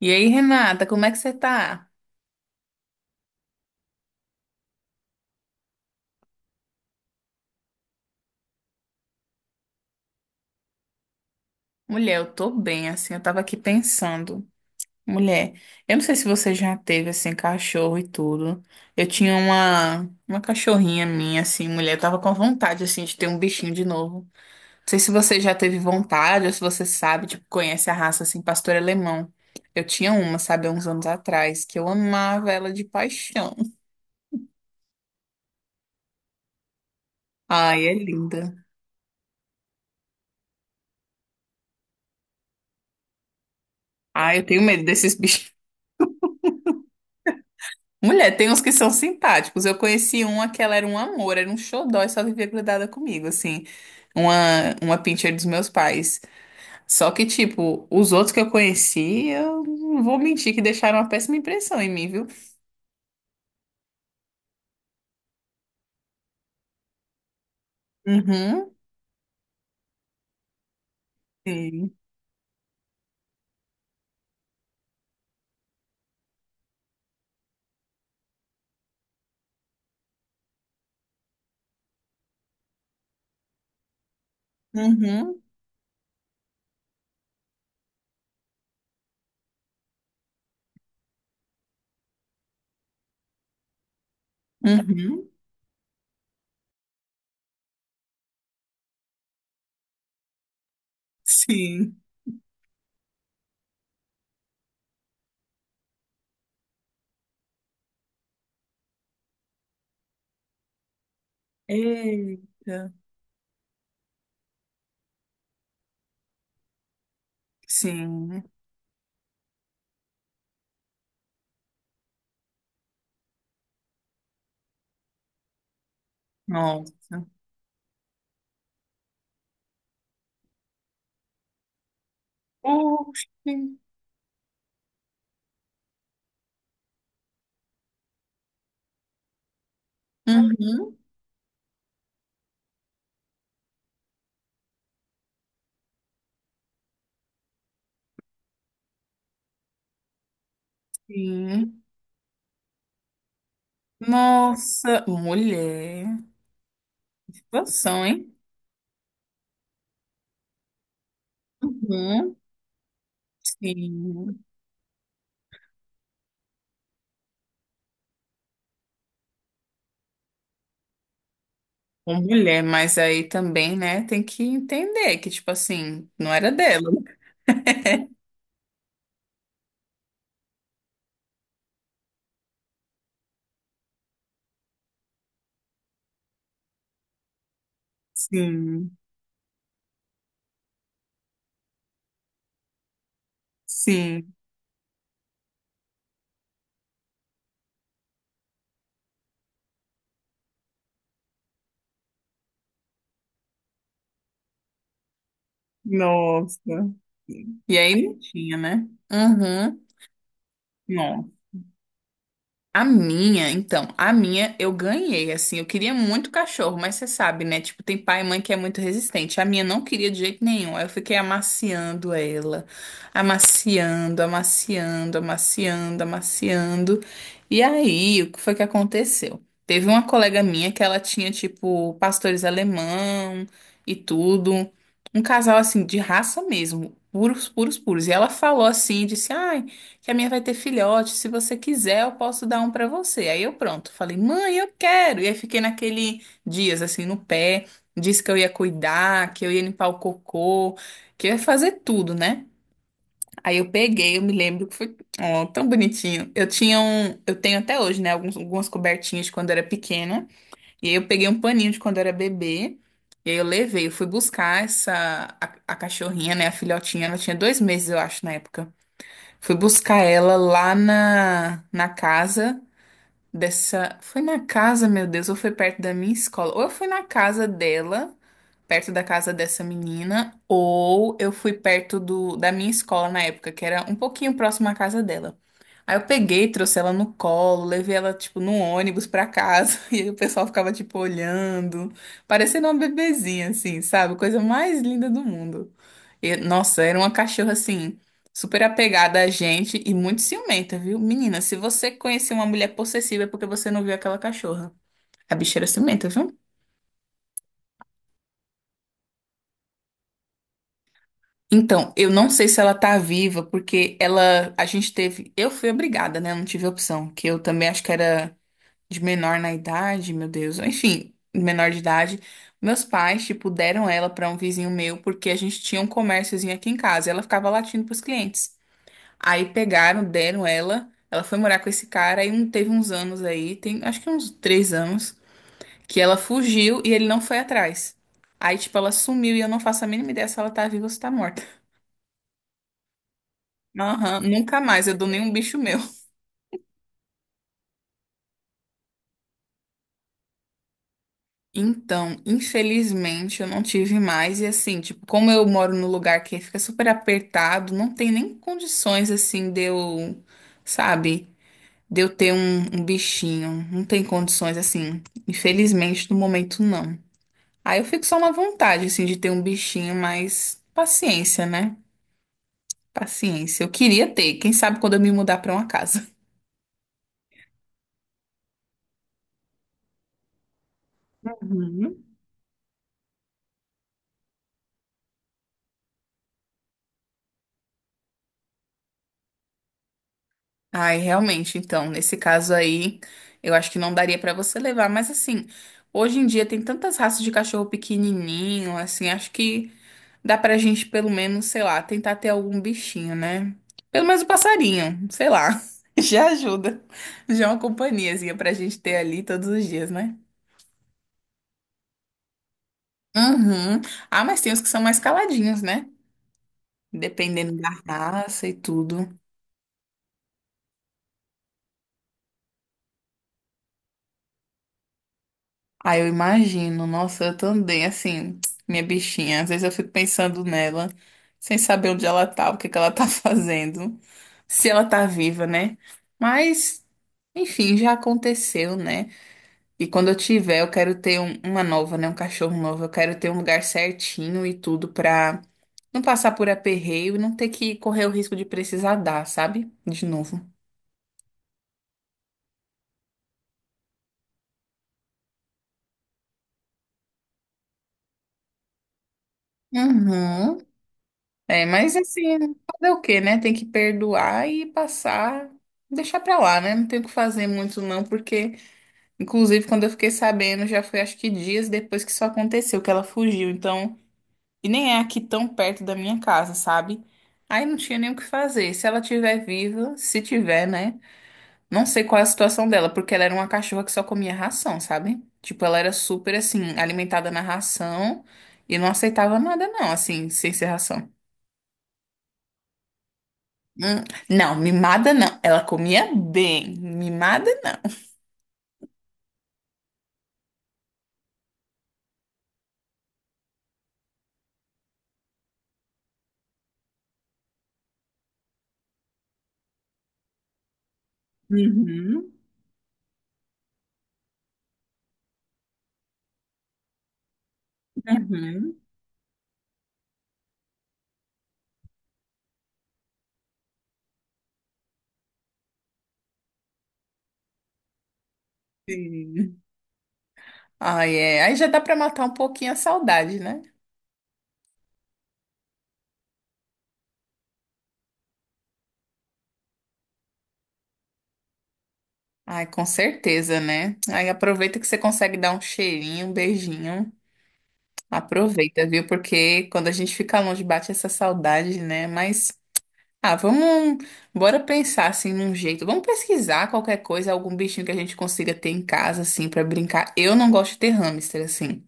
E aí, Renata, como é que você tá? Mulher, eu tô bem, assim, eu tava aqui pensando. Mulher, eu não sei se você já teve, assim, cachorro e tudo. Eu tinha uma cachorrinha minha, assim, mulher, eu tava com vontade, assim, de ter um bichinho de novo. Não sei se você já teve vontade ou se você sabe, tipo, conhece a raça, assim, pastor alemão. Eu tinha uma, sabe, há uns anos atrás, que eu amava ela de paixão. Ai, é linda. Ai, eu tenho medo desses bichos. Mulher, tem uns que são simpáticos. Eu conheci uma que ela era um amor, era um xodó e só vivia grudada comigo, assim. Uma pincher dos meus pais. Só que, tipo, os outros que eu conheci, eu não vou mentir que deixaram uma péssima impressão em mim, viu? Uhum, sim. Uhum, uhum, sim. Eita, sim. Nossa. Oxi. Uhum, sim. Nossa, mulher. Que situação, hein? Uhum. Sim, uma mulher, mas aí também, né, tem que entender que, tipo assim, não era dela. Sim, sim, nossa. E aí não tinha, né? Uhum. A minha, então, a minha eu ganhei, assim, eu queria muito cachorro, mas você sabe, né? Tipo, tem pai e mãe que é muito resistente. A minha não queria de jeito nenhum. Aí eu fiquei amaciando ela, amaciando, amaciando, amaciando, amaciando. E aí, o que foi que aconteceu? Teve uma colega minha que ela tinha, tipo, pastores alemão e tudo. Um casal, assim, de raça mesmo, puros, puros, puros. E ela falou assim, disse, ai que a minha vai ter filhote, se você quiser, eu posso dar um pra você. Aí eu pronto, falei, mãe, eu quero. E aí fiquei naquele dias assim no pé, disse que eu ia cuidar, que eu ia limpar o cocô, que eu ia fazer tudo, né? Aí eu peguei, eu me lembro que foi, ó, tão bonitinho. Eu tinha um, eu tenho até hoje, né, alguns, algumas cobertinhas de quando eu era pequena, e aí eu peguei um paninho de quando eu era bebê. E aí eu levei, eu fui buscar a cachorrinha, né, a filhotinha, ela tinha dois meses, eu acho, na época. Fui buscar ela lá na casa dessa. Foi na casa, meu Deus, ou foi perto da minha escola? Ou eu fui na casa dela, perto da casa dessa menina, ou eu fui perto da minha escola na época, que era um pouquinho próximo à casa dela. Aí eu peguei, trouxe ela no colo, levei ela, tipo, no ônibus pra casa, e aí o pessoal ficava, tipo, olhando, parecendo uma bebezinha, assim, sabe? Coisa mais linda do mundo. E, nossa, era uma cachorra assim, super apegada a gente e muito ciumenta, viu? Menina, se você conhecer uma mulher possessiva é porque você não viu aquela cachorra. A bicha era ciumenta, viu? Então, eu não sei se ela tá viva, porque ela, a gente teve, eu fui obrigada, né? Eu não tive opção, que eu também acho que era de menor na idade, meu Deus. Enfim, menor de idade. Meus pais, tipo, deram ela pra um vizinho meu porque a gente tinha um comérciozinho aqui em casa. E ela ficava latindo pros clientes. Aí pegaram, deram ela. Ela foi morar com esse cara. Aí um, teve uns anos aí, tem acho que uns três anos, que ela fugiu e ele não foi atrás. Aí, tipo, ela sumiu e eu não faço a mínima ideia se ela tá viva ou se tá morta. Aham, nunca mais, eu dou nenhum bicho meu. Então, infelizmente, eu não tive mais. E assim, tipo, como eu moro num lugar que fica super apertado, não tem nem condições, assim, de eu, sabe, de eu ter um bichinho. Não tem condições, assim, infelizmente, no momento, não. Aí eu fico só na vontade, assim, de ter um bichinho, mas paciência, né? Paciência. Eu queria ter, quem sabe quando eu me mudar pra uma casa. Uhum. Ai, realmente, então, nesse caso aí, eu acho que não daria pra você levar, mas assim, hoje em dia tem tantas raças de cachorro pequenininho, assim, acho que dá pra gente pelo menos, sei lá, tentar ter algum bichinho, né? Pelo menos um passarinho, sei lá. Já ajuda. Já é uma companhiazinha pra gente ter ali todos os dias, né? Uhum. Ah, mas tem os que são mais caladinhos, né? Dependendo da raça e tudo. Ah, eu imagino. Nossa, eu também, assim, minha bichinha. Às vezes eu fico pensando nela, sem saber onde ela tá, o que que ela tá fazendo, se ela tá viva, né? Mas, enfim, já aconteceu, né? E quando eu tiver, eu quero ter uma nova, né? Um cachorro novo. Eu quero ter um lugar certinho e tudo pra não passar por aperreio e não ter que correr o risco de precisar dar, sabe? De novo. Uhum. É, mas assim, fazer o quê, né? Tem que perdoar e passar, deixar pra lá, né? Não tem o que fazer muito não, porque inclusive quando eu fiquei sabendo, já foi acho que dias depois que isso aconteceu, que ela fugiu, então, e nem é aqui tão perto da minha casa, sabe? Aí não tinha nem o que fazer. Se ela tiver viva, se tiver, né? Não sei qual é a situação dela, porque ela era uma cachorra que só comia ração, sabe? Tipo, ela era super assim, alimentada na ração e não aceitava nada não, assim, sem ser ração. Hum, não, mimada não. Ela comia bem. Mimada não. Uhum, uhum, sim. Ai, é. Aí já dá pra matar um pouquinho a saudade, né? Ai, com certeza, né? Aí aproveita que você consegue dar um cheirinho, um beijinho. Aproveita, viu? Porque quando a gente fica longe, bate essa saudade, né? Mas, ah, vamos. Bora pensar assim num jeito. Vamos pesquisar qualquer coisa, algum bichinho que a gente consiga ter em casa, assim, pra brincar. Eu não gosto de ter hamster, assim.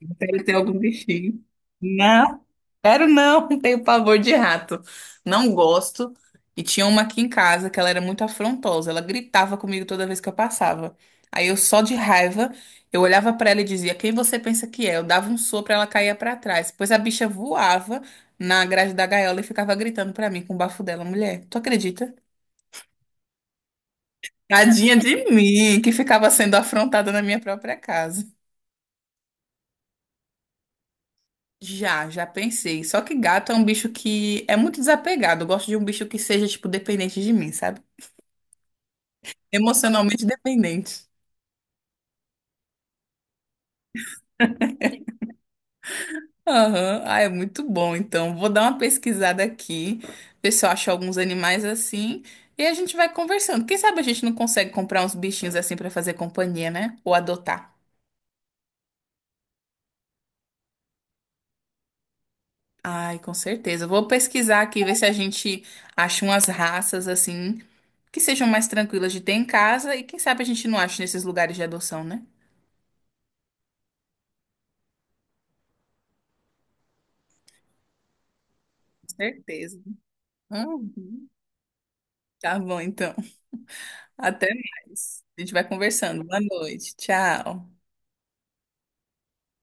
Deve ter algum bichinho. Não, quero não, tenho pavor de rato. Não gosto. E tinha uma aqui em casa que ela era muito afrontosa. Ela gritava comigo toda vez que eu passava. Aí eu só de raiva, eu olhava pra ela e dizia: "Quem você pensa que é?" Eu dava um sopro, ela caía pra trás. Pois a bicha voava na grade da gaiola e ficava gritando pra mim com o bafo dela, mulher. Tu acredita? Tadinha de mim, que ficava sendo afrontada na minha própria casa. Já, já pensei. Só que gato é um bicho que é muito desapegado. Eu gosto de um bicho que seja, tipo, dependente de mim, sabe? Emocionalmente dependente. Aham. Ah, é muito bom. Então, vou dar uma pesquisada aqui, ver se eu acho alguns animais assim. E a gente vai conversando. Quem sabe a gente não consegue comprar uns bichinhos assim pra fazer companhia, né? Ou adotar. Ai, com certeza. Vou pesquisar aqui, ver se a gente acha umas raças assim que sejam mais tranquilas de ter em casa. E quem sabe a gente não acha nesses lugares de adoção, né? Com certeza. Uhum. Tá bom, então. Até mais. A gente vai conversando. Boa noite. Tchau.